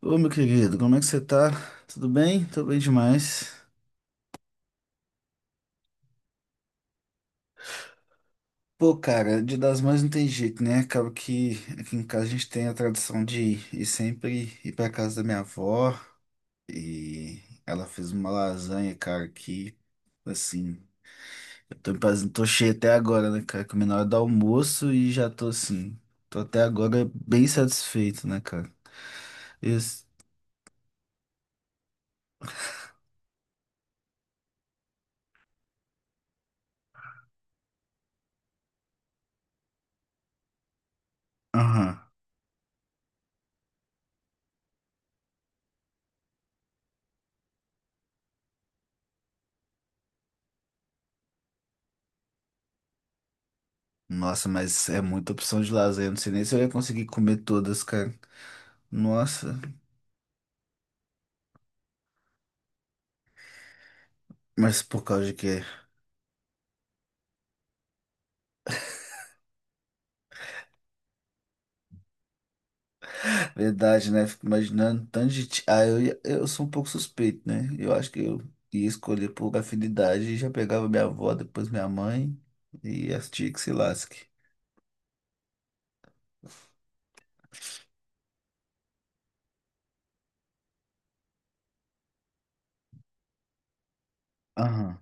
Ô, meu querido, como é que você tá? Tudo bem? Tô bem demais. Pô, cara, Dia das Mães não tem jeito, né? Acaba que aqui em casa a gente tem a tradição de ir sempre ir pra casa da minha avó e ela fez uma lasanha, cara, que, assim, tô cheio até agora, né, cara? Comi na hora do almoço e já tô, assim, tô até agora bem satisfeito, né, cara? Isso. Aham. Nossa, mas é muita opção de lasanha, eu não sei nem se eu ia conseguir comer todas, cara. Nossa, mas por causa de quê? Verdade, né? Fico imaginando tanto de. Ti- Ah, eu, ia- eu sou um pouco suspeito, né? Eu acho que eu ia escolher por afinidade e já pegava minha avó, depois minha mãe e as tias que se lasque. Aham.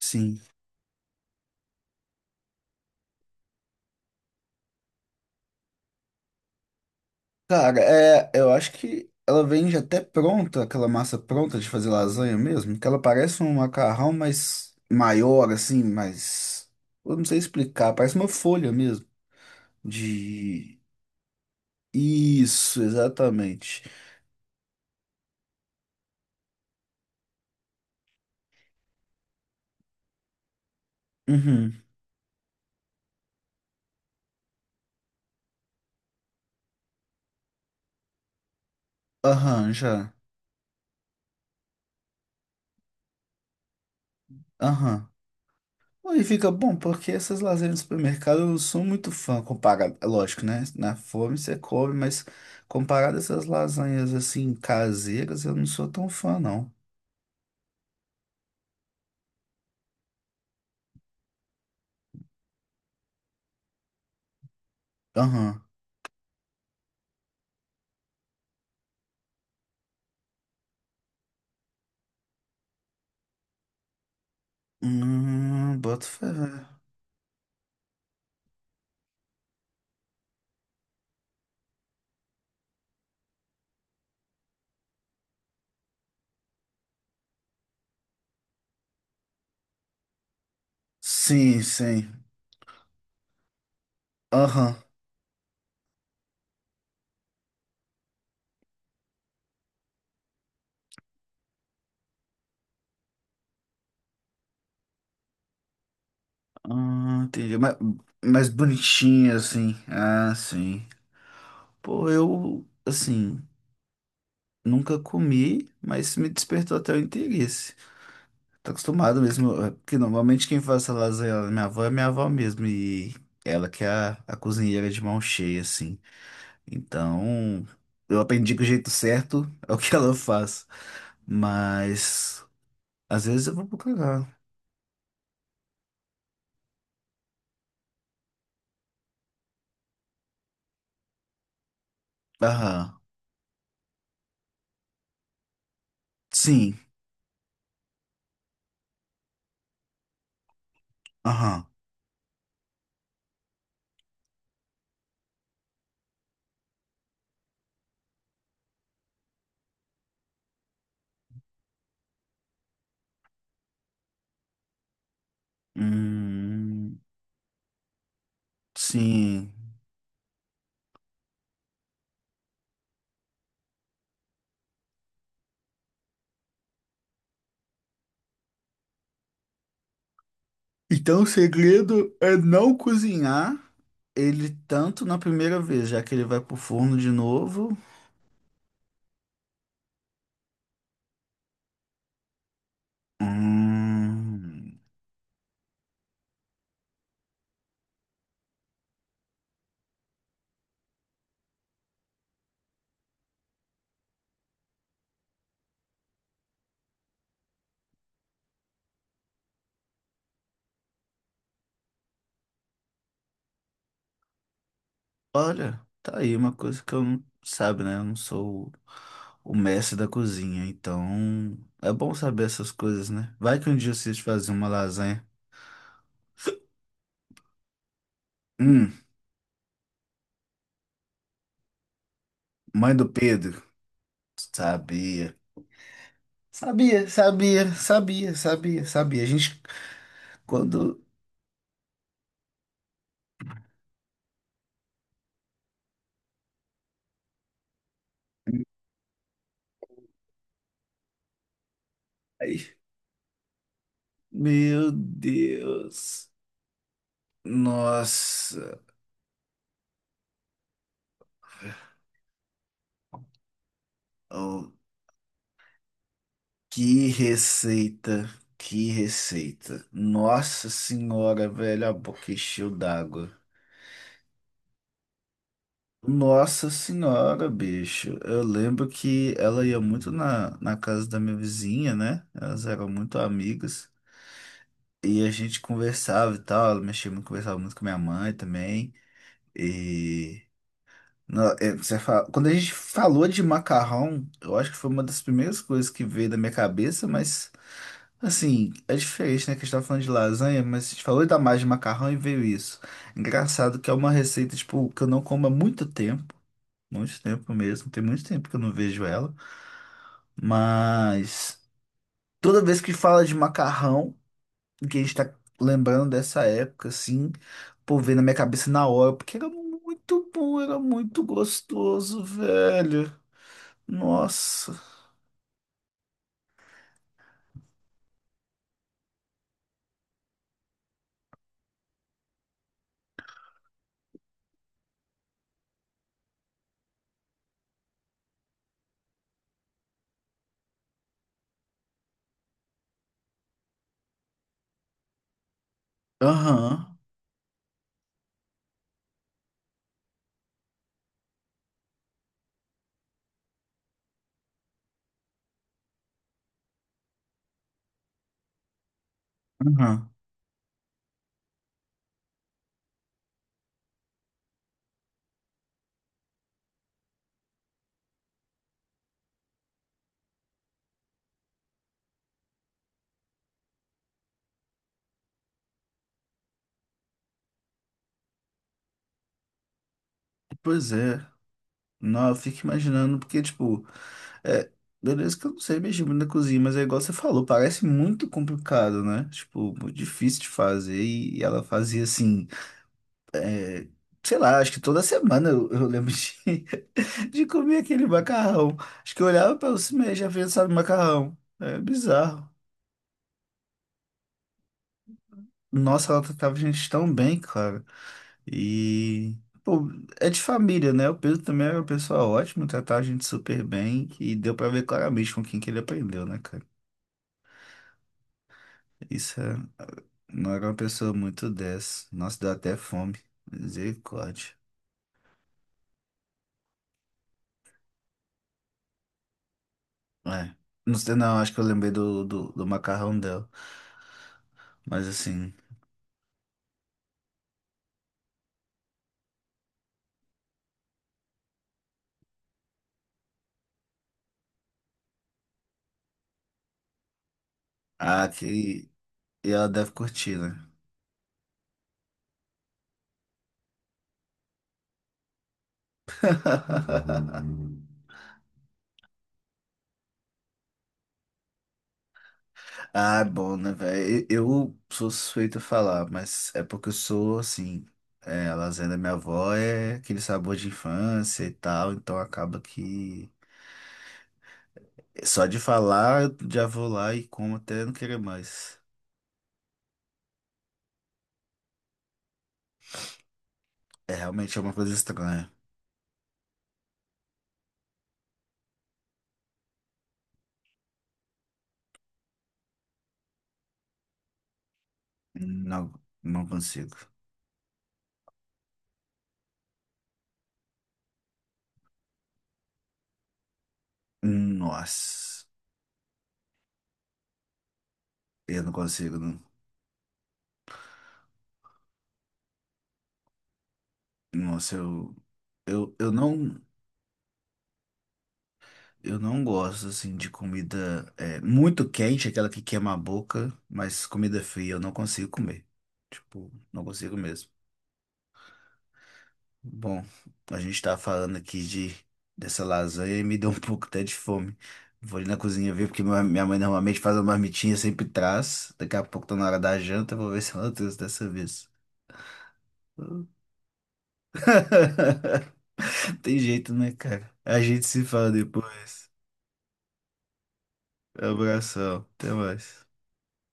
Sim. Cara, é, eu acho que ela vem já até pronta, aquela massa pronta de fazer lasanha mesmo, que ela parece um macarrão, mas maior, assim, mas. Eu não sei explicar, parece uma folha mesmo. De. Isso, exatamente. Uhum. Aham, já. Aham. E fica bom, porque essas lasanhas do supermercado eu não sou muito fã comparado. É lógico, né? Na fome você come, mas comparado a essas lasanhas assim caseiras, eu não sou tão fã, não. Aham. Boto fé. Sim, sim. Aham. Ah, entendi. Mas bonitinha, assim. Ah, sim. Pô, eu, assim, nunca comi, mas me despertou até o interesse. Tô acostumado mesmo, é, porque normalmente quem faz essa lasanha lá na minha avó é minha avó mesmo, e ela que é a cozinheira de mão cheia, assim. Então, eu aprendi que o jeito certo é o que ela faz, mas às vezes eu vou procurar. Aham, sim, aham, hum, sim. Então, o segredo é não cozinhar ele tanto na primeira vez, já que ele vai pro forno de novo. Hum. Olha, tá aí uma coisa que eu não sabe, né? Eu não sou o mestre da cozinha, então é bom saber essas coisas, né? Vai que um dia eu sei fazer uma lasanha. Hum, mãe do Pedro, sabia. Sabia, sabia, sabia, sabia, sabia. A gente quando. Ai, meu Deus. Nossa, oh, que receita, que receita. Nossa senhora, velho, a boca encheu d'água. Nossa senhora, bicho. Eu lembro que ela ia muito na casa da minha vizinha, né? Elas eram muito amigas. E a gente conversava e tal. Ela mexia muito, conversava muito com minha mãe também. E. Quando a gente falou de macarrão, eu acho que foi uma das primeiras coisas que veio da minha cabeça, mas. Assim, é diferente, né? Que a gente tava falando de lasanha, mas a gente falou da mais de macarrão e veio isso. Engraçado que é uma receita, tipo, que eu não como há muito tempo. Muito tempo mesmo. Tem muito tempo que eu não vejo ela. Mas toda vez que fala de macarrão, que a gente tá lembrando dessa época, assim, pô, vem na minha cabeça na hora, porque era muito bom, era muito gostoso, velho. Nossa. Aham, aham. Pois é. Não, eu fico imaginando, porque, tipo, é, beleza que eu não sei mexer muito na cozinha, mas é igual você falou, parece muito complicado, né? Tipo, muito difícil de fazer, e ela fazia assim. Sei lá, acho que toda semana eu lembro de, de comer aquele macarrão. Acho que eu olhava para o cinema e já pensava em macarrão. É bizarro. Nossa, ela tratava a gente tão bem, cara. E, pô, é de família, né? O Pedro também era uma pessoa ótima, tratava a gente super bem. E deu pra ver claramente com quem que ele aprendeu, né, cara? Isso é, não era uma pessoa muito dessa. Nossa, deu até fome. Misericórdia. É. Não sei, não, acho que eu lembrei do, do macarrão dela. Mas assim. Ah, que... E ela deve curtir, né? Ah, é bom, né, velho? Eu sou suspeito a falar, mas é porque eu sou, assim, é, a lasanha da minha avó é aquele sabor de infância e tal, então acaba que só de falar eu já vou lá e como até não querer mais. É realmente é uma coisa estranha. Não, não consigo. Nossa, eu não consigo, não. Nossa, eu não. Eu não gosto, assim, de comida é, muito quente, aquela que queima a boca, mas comida fria eu não consigo comer. Tipo, não consigo mesmo. Bom, a gente tá falando aqui de dessa lasanha e me deu um pouco até de fome. Vou ali na cozinha ver, porque minha mãe normalmente faz uma marmitinha, sempre traz. Daqui a pouco tá na hora da janta, vou ver se ela trouxe dessa vez. Tem jeito, né, cara? A gente se fala depois. Abração, até mais.